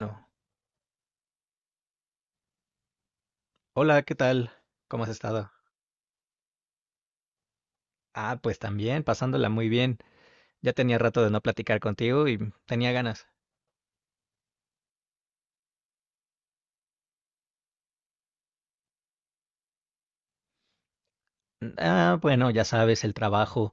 No. Hola, ¿qué tal? ¿Cómo has estado? Ah, pues también, pasándola muy bien. Ya tenía rato de no platicar contigo y tenía ganas. Ah, bueno, ya sabes, el trabajo.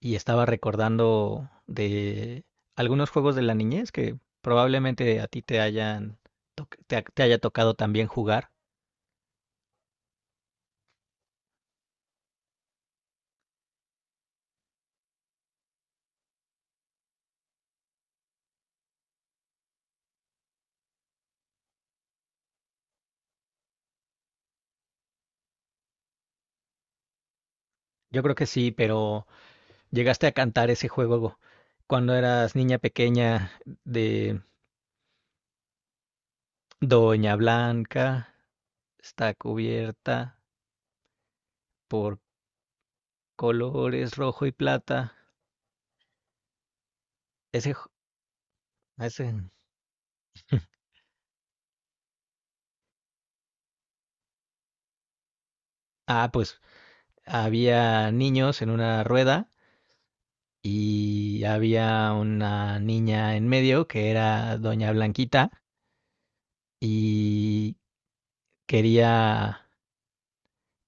Y estaba recordando de algunos juegos de la niñez que probablemente a ti te hayan te haya tocado también jugar. Yo creo que sí, pero llegaste a cantar ese juego cuando eras niña pequeña de Doña Blanca está cubierta por colores rojo y plata. Ese, ese. Ah, pues había niños en una rueda y había una niña en medio que era Doña Blanquita y quería,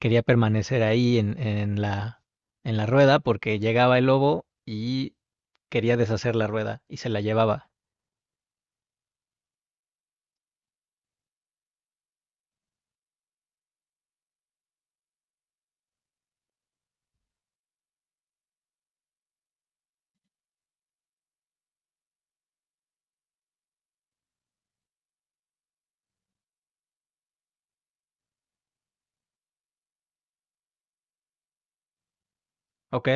quería permanecer ahí en la rueda porque llegaba el lobo y quería deshacer la rueda y se la llevaba. ¿Ok?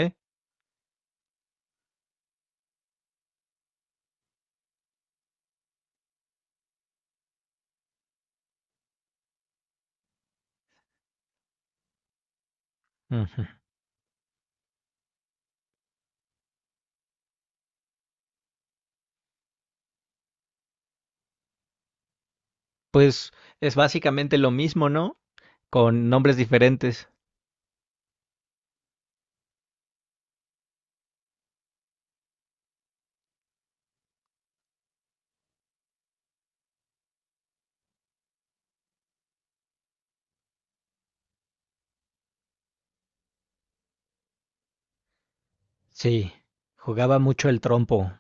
Ujú. Pues es básicamente lo mismo, ¿no? Con nombres diferentes. Sí, jugaba mucho el trompo.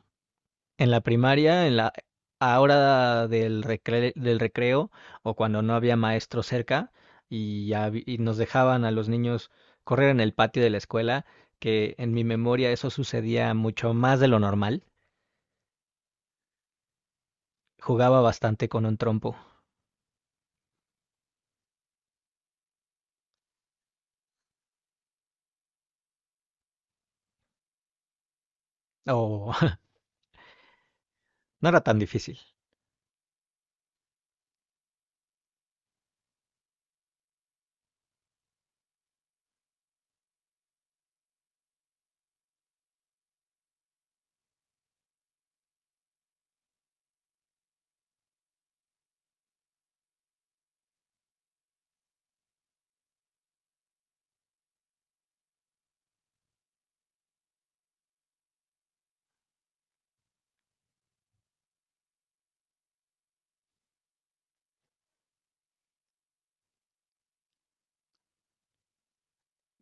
En la primaria, en la a hora del recreo o cuando no había maestro cerca y nos dejaban a los niños correr en el patio de la escuela, que en mi memoria eso sucedía mucho más de lo normal. Jugaba bastante con un trompo. O no era tan difícil.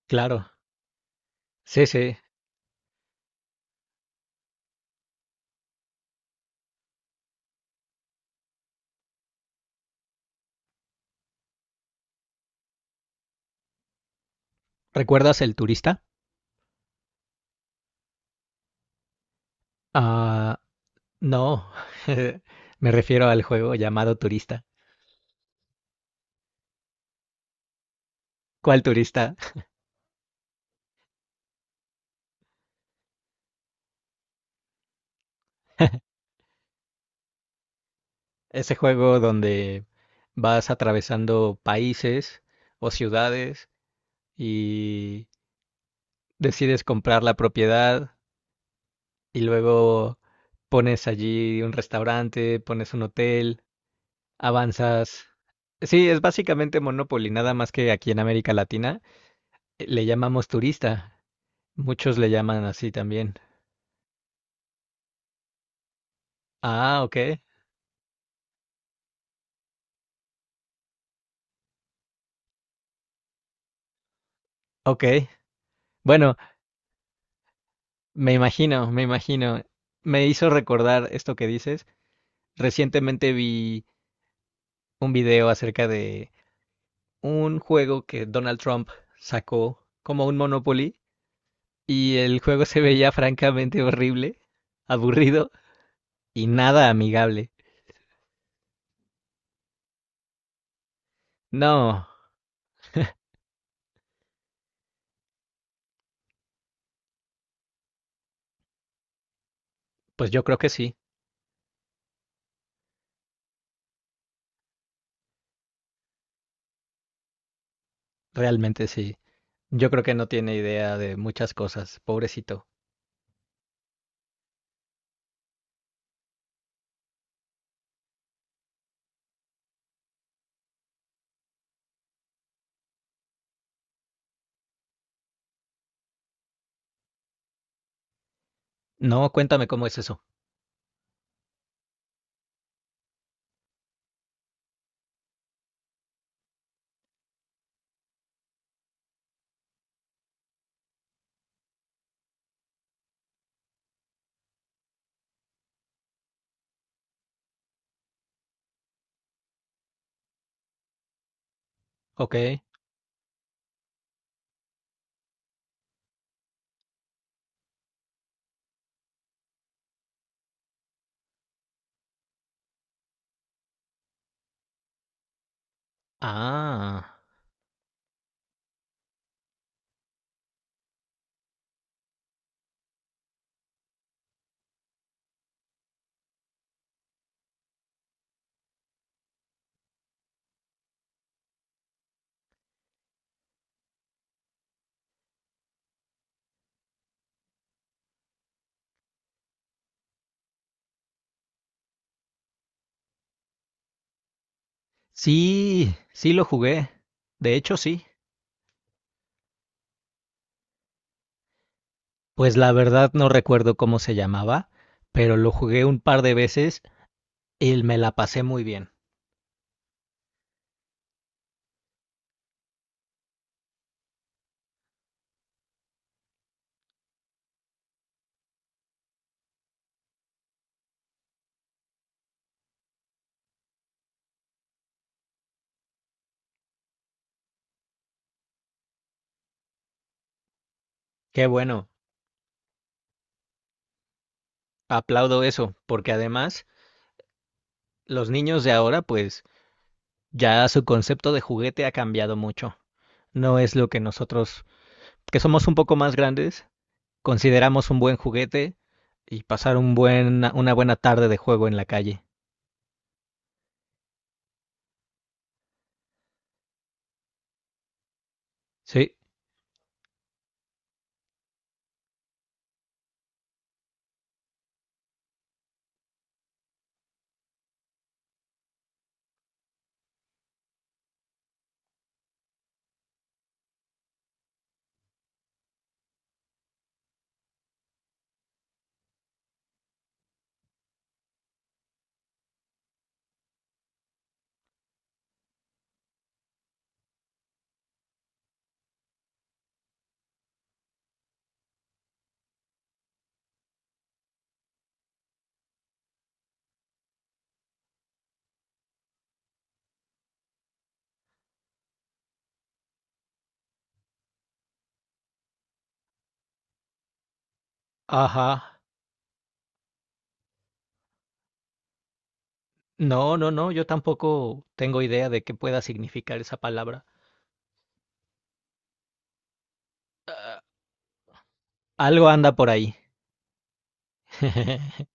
Claro. Sí, sí. ¿Recuerdas el turista? Ah, no. Me refiero al juego llamado Turista. ¿Cuál turista? Ese juego donde vas atravesando países o ciudades y decides comprar la propiedad y luego pones allí un restaurante, pones un hotel, avanzas. Sí, es básicamente Monopoly, nada más que aquí en América Latina le llamamos turista. Muchos le llaman así también. Ah, ok, ok. Bueno, me imagino. Me hizo recordar esto que dices. Recientemente vi un video acerca de un juego que Donald Trump sacó como un Monopoly y el juego se veía francamente horrible, aburrido y nada amigable. No, pues yo creo que sí, realmente sí. Yo creo que no tiene idea de muchas cosas, pobrecito. No, cuéntame cómo es eso. Ok. Ah. Sí, sí lo jugué. De hecho, sí. Pues la verdad no recuerdo cómo se llamaba, pero lo jugué un par de veces y me la pasé muy bien. Qué bueno, aplaudo eso, porque además los niños de ahora, pues ya su concepto de juguete ha cambiado mucho. No es lo que nosotros, que somos un poco más grandes, consideramos un buen juguete y pasar una buena tarde de juego en la calle. Sí, ajá. No, yo tampoco tengo idea de qué pueda significar esa palabra. Algo anda por ahí.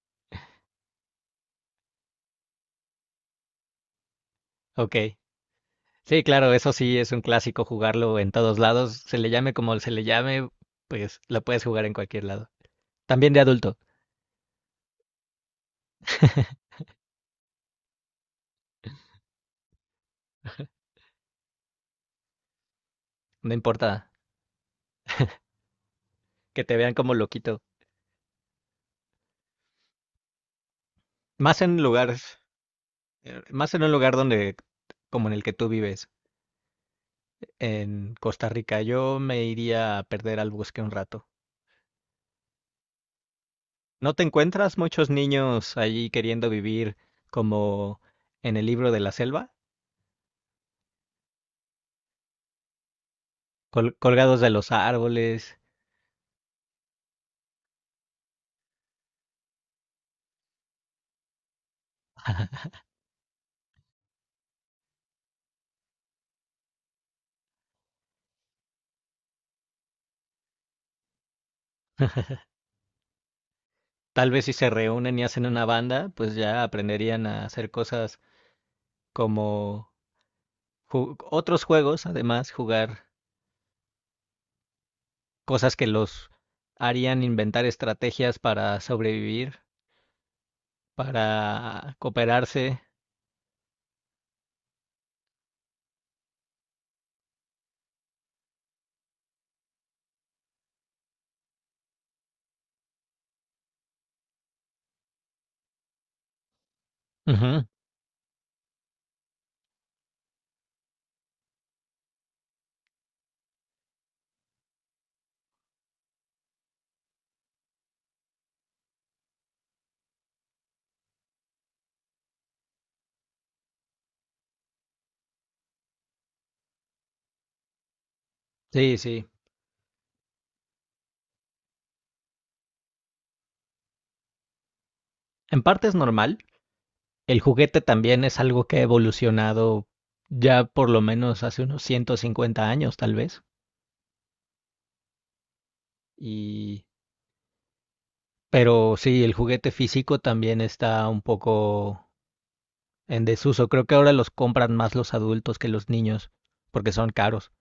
Ok. Sí, claro, eso sí es un clásico jugarlo en todos lados. Se le llame como se le llame, pues lo puedes jugar en cualquier lado. También de adulto. No importa que te vean como loquito. Más en lugares, más en un lugar donde, como en el que tú vives, en Costa Rica, yo me iría a perder al bosque un rato. ¿No te encuentras muchos niños allí queriendo vivir como en el libro de la selva? Colgados de los árboles. Tal vez si se reúnen y hacen una banda, pues ya aprenderían a hacer cosas como otros juegos, además, jugar cosas que los harían inventar estrategias para sobrevivir, para cooperarse. Ujú. Sí, sí. En parte es normal. El juguete también es algo que ha evolucionado ya por lo menos hace unos 150 años, tal vez. Y pero sí, el juguete físico también está un poco en desuso. Creo que ahora los compran más los adultos que los niños, porque son caros,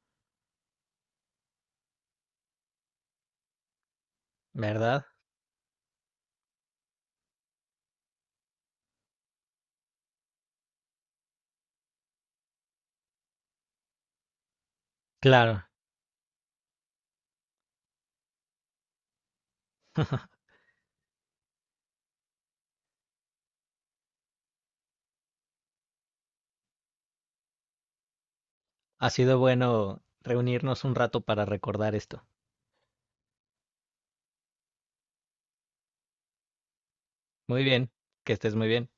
¿verdad? Claro, ha sido bueno reunirnos un rato para recordar esto. Muy bien, que estés muy bien.